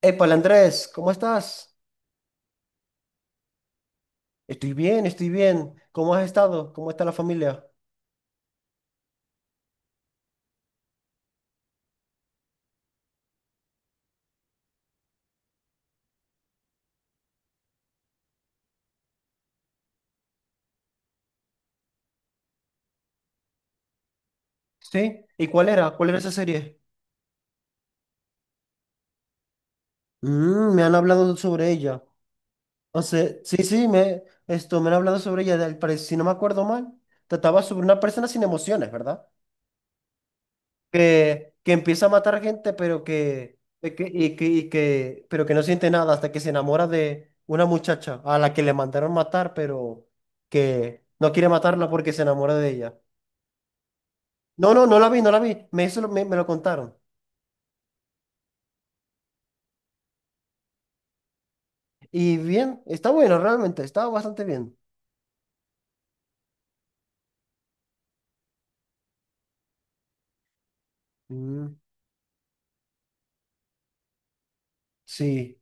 Épale, Andrés, ¿cómo estás? Estoy bien, estoy bien. ¿Cómo has estado? ¿Cómo está la familia? ¿Sí? ¿Y cuál era? ¿Cuál era esa serie? Mm, me han hablado sobre ella. O sea, sí, sí, me han hablado sobre ella. Si no me acuerdo mal, trataba sobre una persona sin emociones, ¿verdad? Que empieza a matar gente, pero que no siente nada hasta que se enamora de una muchacha a la que le mandaron matar, pero que no quiere matarla porque se enamora de ella. No, no, no la vi, no la vi. Me lo contaron. Y bien, está bueno, realmente, está bastante bien. Mm, sí,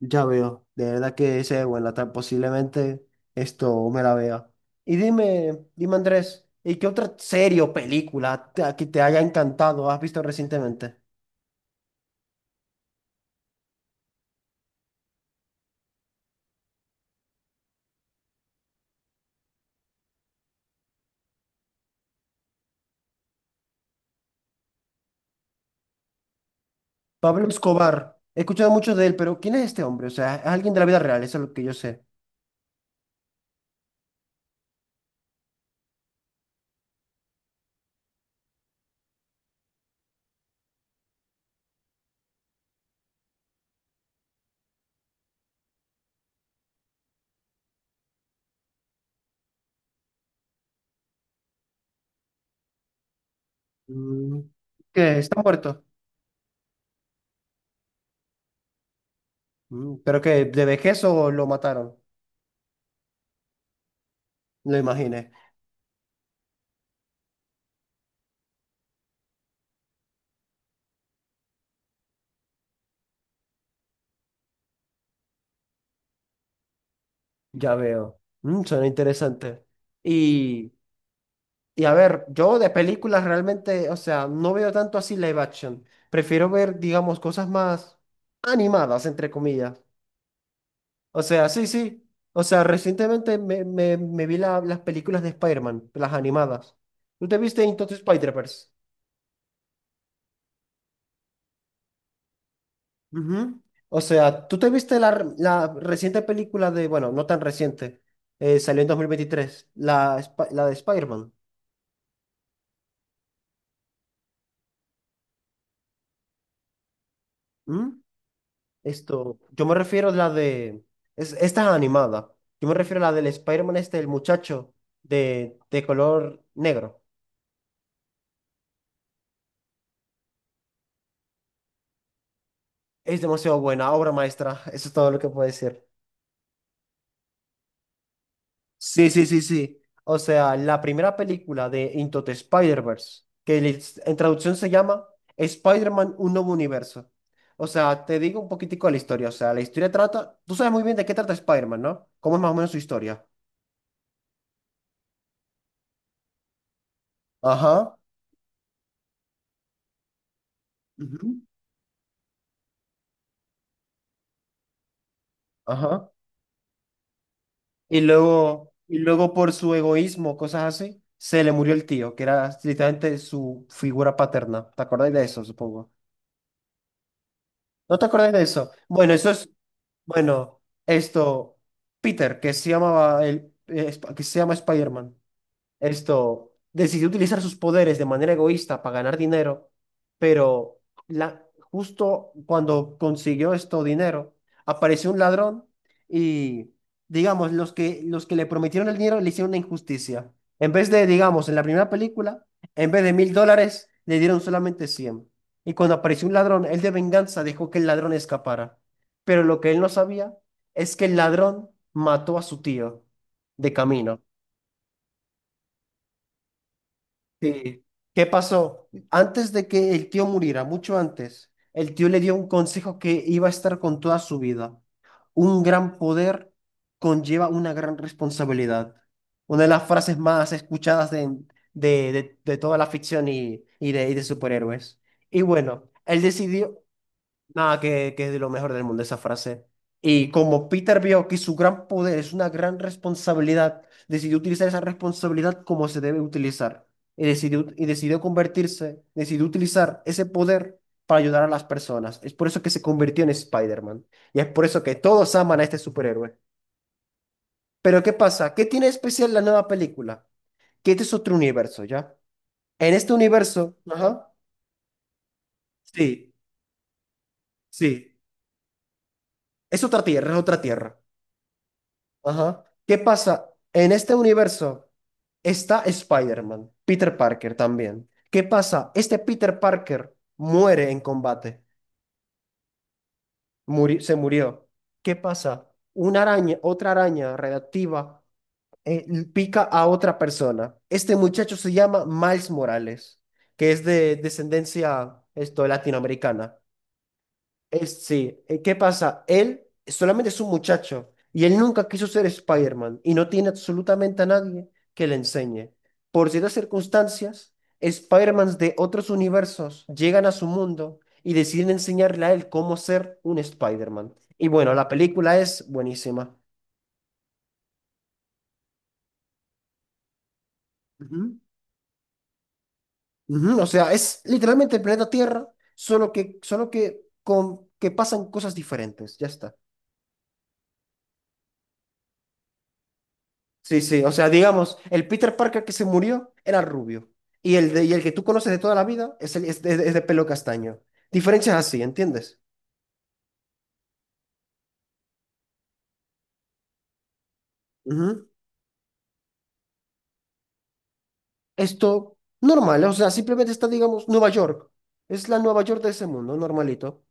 ya veo. De verdad que ese es buena. Tal- posiblemente esto me la vea. Y dime, Andrés, ¿y qué otra serie o película que te haya encantado has visto recientemente? Pablo Escobar, he escuchado mucho de él, pero ¿quién es este hombre? O sea, es alguien de la vida real, eso es lo que yo sé. Mm, ¿qué? ¿Está muerto? Mm. ¿Pero que ¿De vejez o lo mataron? Lo imaginé. Ya veo. Suena interesante. Y, y a ver, yo de películas realmente, o sea, no veo tanto así live action. Prefiero ver, digamos, cosas más animadas, entre comillas. O sea, sí, sí. O sea, recientemente me vi las películas de Spider-Man, las animadas. ¿Tú te viste entonces Spider-Verse? Ujú. O sea, ¿tú te viste la reciente película de, bueno, no tan reciente, salió en 2023, la de Spider-Man? ¿Mm? Yo me refiero a la de, esta es animada. Yo me refiero a la del Spider-Man este, el muchacho de color negro. Es demasiado buena, obra maestra. Eso es todo lo que puedo decir. Sí, sí, sí, sí. O sea, la primera película de Into the Spider-Verse, en traducción se llama Spider-Man Un Nuevo Universo. O sea, te digo un poquitico de la historia. O sea, la historia trata, tú sabes muy bien de qué trata Spider-Man, ¿no? ¿Cómo es más o menos su historia? Ajá. Ujú. Ajá. Y luego por su egoísmo, cosas así, se le murió el tío, que era literalmente su figura paterna. ¿Te acordáis de eso, supongo? ¿No te acordáis de eso? Bueno, eso es, bueno, esto, Peter, que se llamaba que se llama Spider-Man. Esto decidió utilizar sus poderes de manera egoísta para ganar dinero, pero la, justo cuando consiguió esto dinero, apareció un ladrón y, digamos, los que le prometieron el dinero le hicieron una injusticia. En vez de, digamos, en la primera película, en vez de 1.000 dólares, le dieron solamente 100. Y cuando apareció un ladrón, él de venganza dejó que el ladrón escapara. Pero lo que él no sabía es que el ladrón mató a su tío de camino. Sí. ¿Qué pasó? Antes de que el tío muriera, mucho antes, el tío le dio un consejo que iba a estar con toda su vida. Un gran poder conlleva una gran responsabilidad. Una de las frases más escuchadas de toda la ficción y de superhéroes. Y bueno, él decidió, nada, que es de lo mejor del mundo esa frase. Y como Peter vio que su gran poder es una gran responsabilidad, decidió utilizar esa responsabilidad como se debe utilizar. Decidió utilizar ese poder para ayudar a las personas. Es por eso que se convirtió en Spider-Man. Y es por eso que todos aman a este superhéroe. Pero ¿qué pasa? ¿Qué tiene de especial la nueva película? Que este es otro universo, ¿ya? En este universo, ajá, sí, sí, es otra tierra, es otra tierra. Ajá. ¿Qué pasa? En este universo está Spider-Man, Peter Parker también. ¿Qué pasa? Este Peter Parker muere en combate. Se murió. ¿Qué pasa? Una araña, otra araña radiactiva pica a otra persona. Este muchacho se llama Miles Morales, que es de descendencia latinoamericana. Sí, ¿qué pasa? Él solamente es un muchacho y él nunca quiso ser Spider-Man y no tiene absolutamente a nadie que le enseñe. Por ciertas circunstancias, Spider-Mans de otros universos llegan a su mundo y deciden enseñarle a él cómo ser un Spider-Man. Y bueno, la película es buenísima. Ujú, ujú. O sea, es literalmente el planeta Tierra, solo que pasan cosas diferentes. Ya está. Sí, sí, o sea, digamos, el Peter Parker que se murió era rubio y el que tú conoces de toda la vida es de pelo castaño. Diferencias así, ¿entiendes? Ujú. Normal, o sea, simplemente está, digamos, Nueva York. Es la Nueva York de ese mundo, normalito.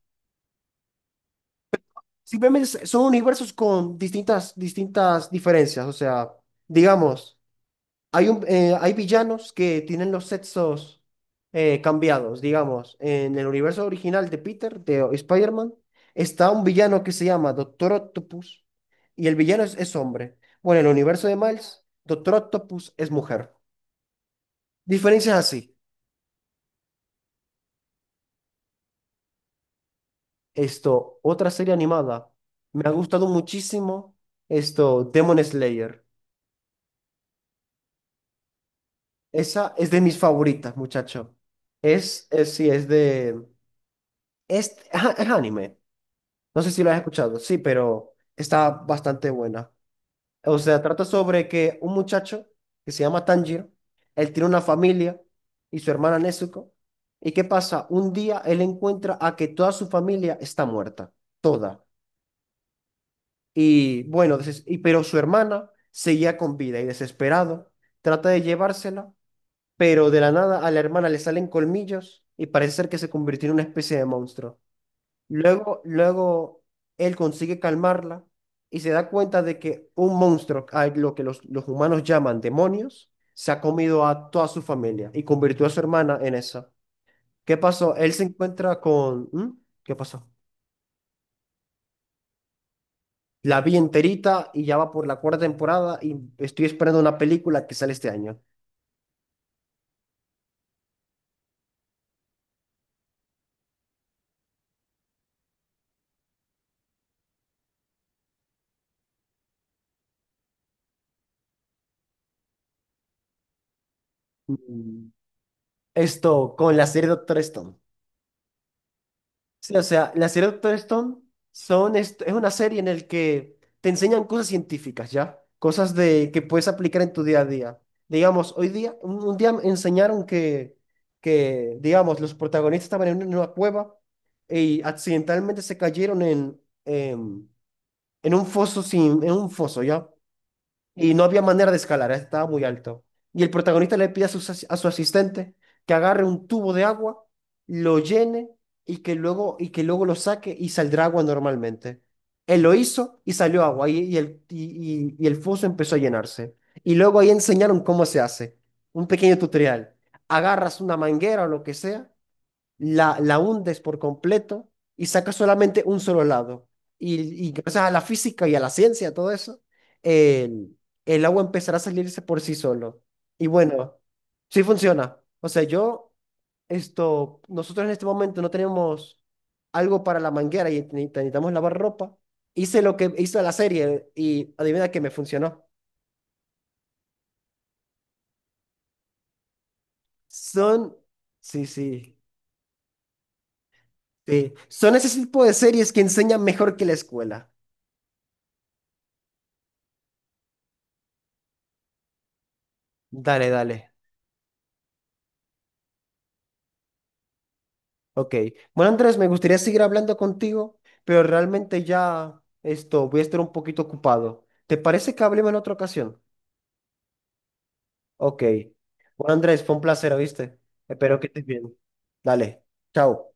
Simplemente son universos con distintas diferencias, o sea, digamos. Hay villanos que tienen los sexos cambiados, digamos. En el universo original de Peter, de Spider-Man, está un villano que se llama Doctor Octopus y el villano es hombre. Bueno, en el universo de Miles, Doctor Octopus es mujer. Diferencias así. Otra serie animada. Me ha gustado muchísimo Demon Slayer. Esa es de mis favoritas, muchacho. Es sí, es de... Es, ajá, es anime. No sé si lo has escuchado, sí, pero está bastante buena. O sea, trata sobre que un muchacho que se llama Tanjiro, él tiene una familia y su hermana Nezuko. ¿Y qué pasa? Un día él encuentra a que toda su familia está muerta, toda. Y bueno, pero su hermana seguía con vida y desesperado trata de llevársela, pero de la nada a la hermana le salen colmillos y parece ser que se convirtió en una especie de monstruo. Luego él consigue calmarla y se da cuenta de que un monstruo, a lo que los humanos llaman demonios, se ha comido a toda su familia y convirtió a su hermana en esa. ¿Qué pasó? Él se encuentra con... ¿Mm? ¿Qué pasó? La vi enterita y ya va por la cuarta temporada y estoy esperando una película que sale este año. Mm. Esto con la serie Doctor Stone. Sí, o sea, la serie Doctor Stone es una serie en la que te enseñan cosas científicas, ¿ya? Que puedes aplicar en tu día a día. Digamos, hoy día, un día me enseñaron que, digamos, los protagonistas estaban en una cueva y accidentalmente se cayeron en un foso, ¿ya? Y no había manera de escalar, ¿eh? Estaba muy alto. Y el protagonista le pide a su asistente que agarre un tubo de agua, lo llene y que luego lo saque y saldrá agua normalmente. Él lo hizo y salió agua y el foso empezó a llenarse. Y luego ahí enseñaron cómo se hace, un pequeño tutorial. Agarras una manguera o lo que sea la hundes por completo y sacas solamente un solo lado. Y gracias a la física y a la ciencia, todo eso, el, el agua empezará a salirse por sí solo. Y bueno, sí funciona. O sea, nosotros en este momento no tenemos algo para la manguera y necesitamos lavar ropa. Hice lo que hizo la serie y adivina que me funcionó. Son, sí, sí, sí. Son ese tipo de series que enseñan mejor que la escuela. Dale, dale. Ok. Bueno, Andrés, me gustaría seguir hablando contigo, pero realmente ya voy a estar un poquito ocupado. ¿Te parece que hablemos en otra ocasión? Ok. Bueno, Andrés, fue un placer, ¿oíste? Espero que estés bien. Dale. Chao.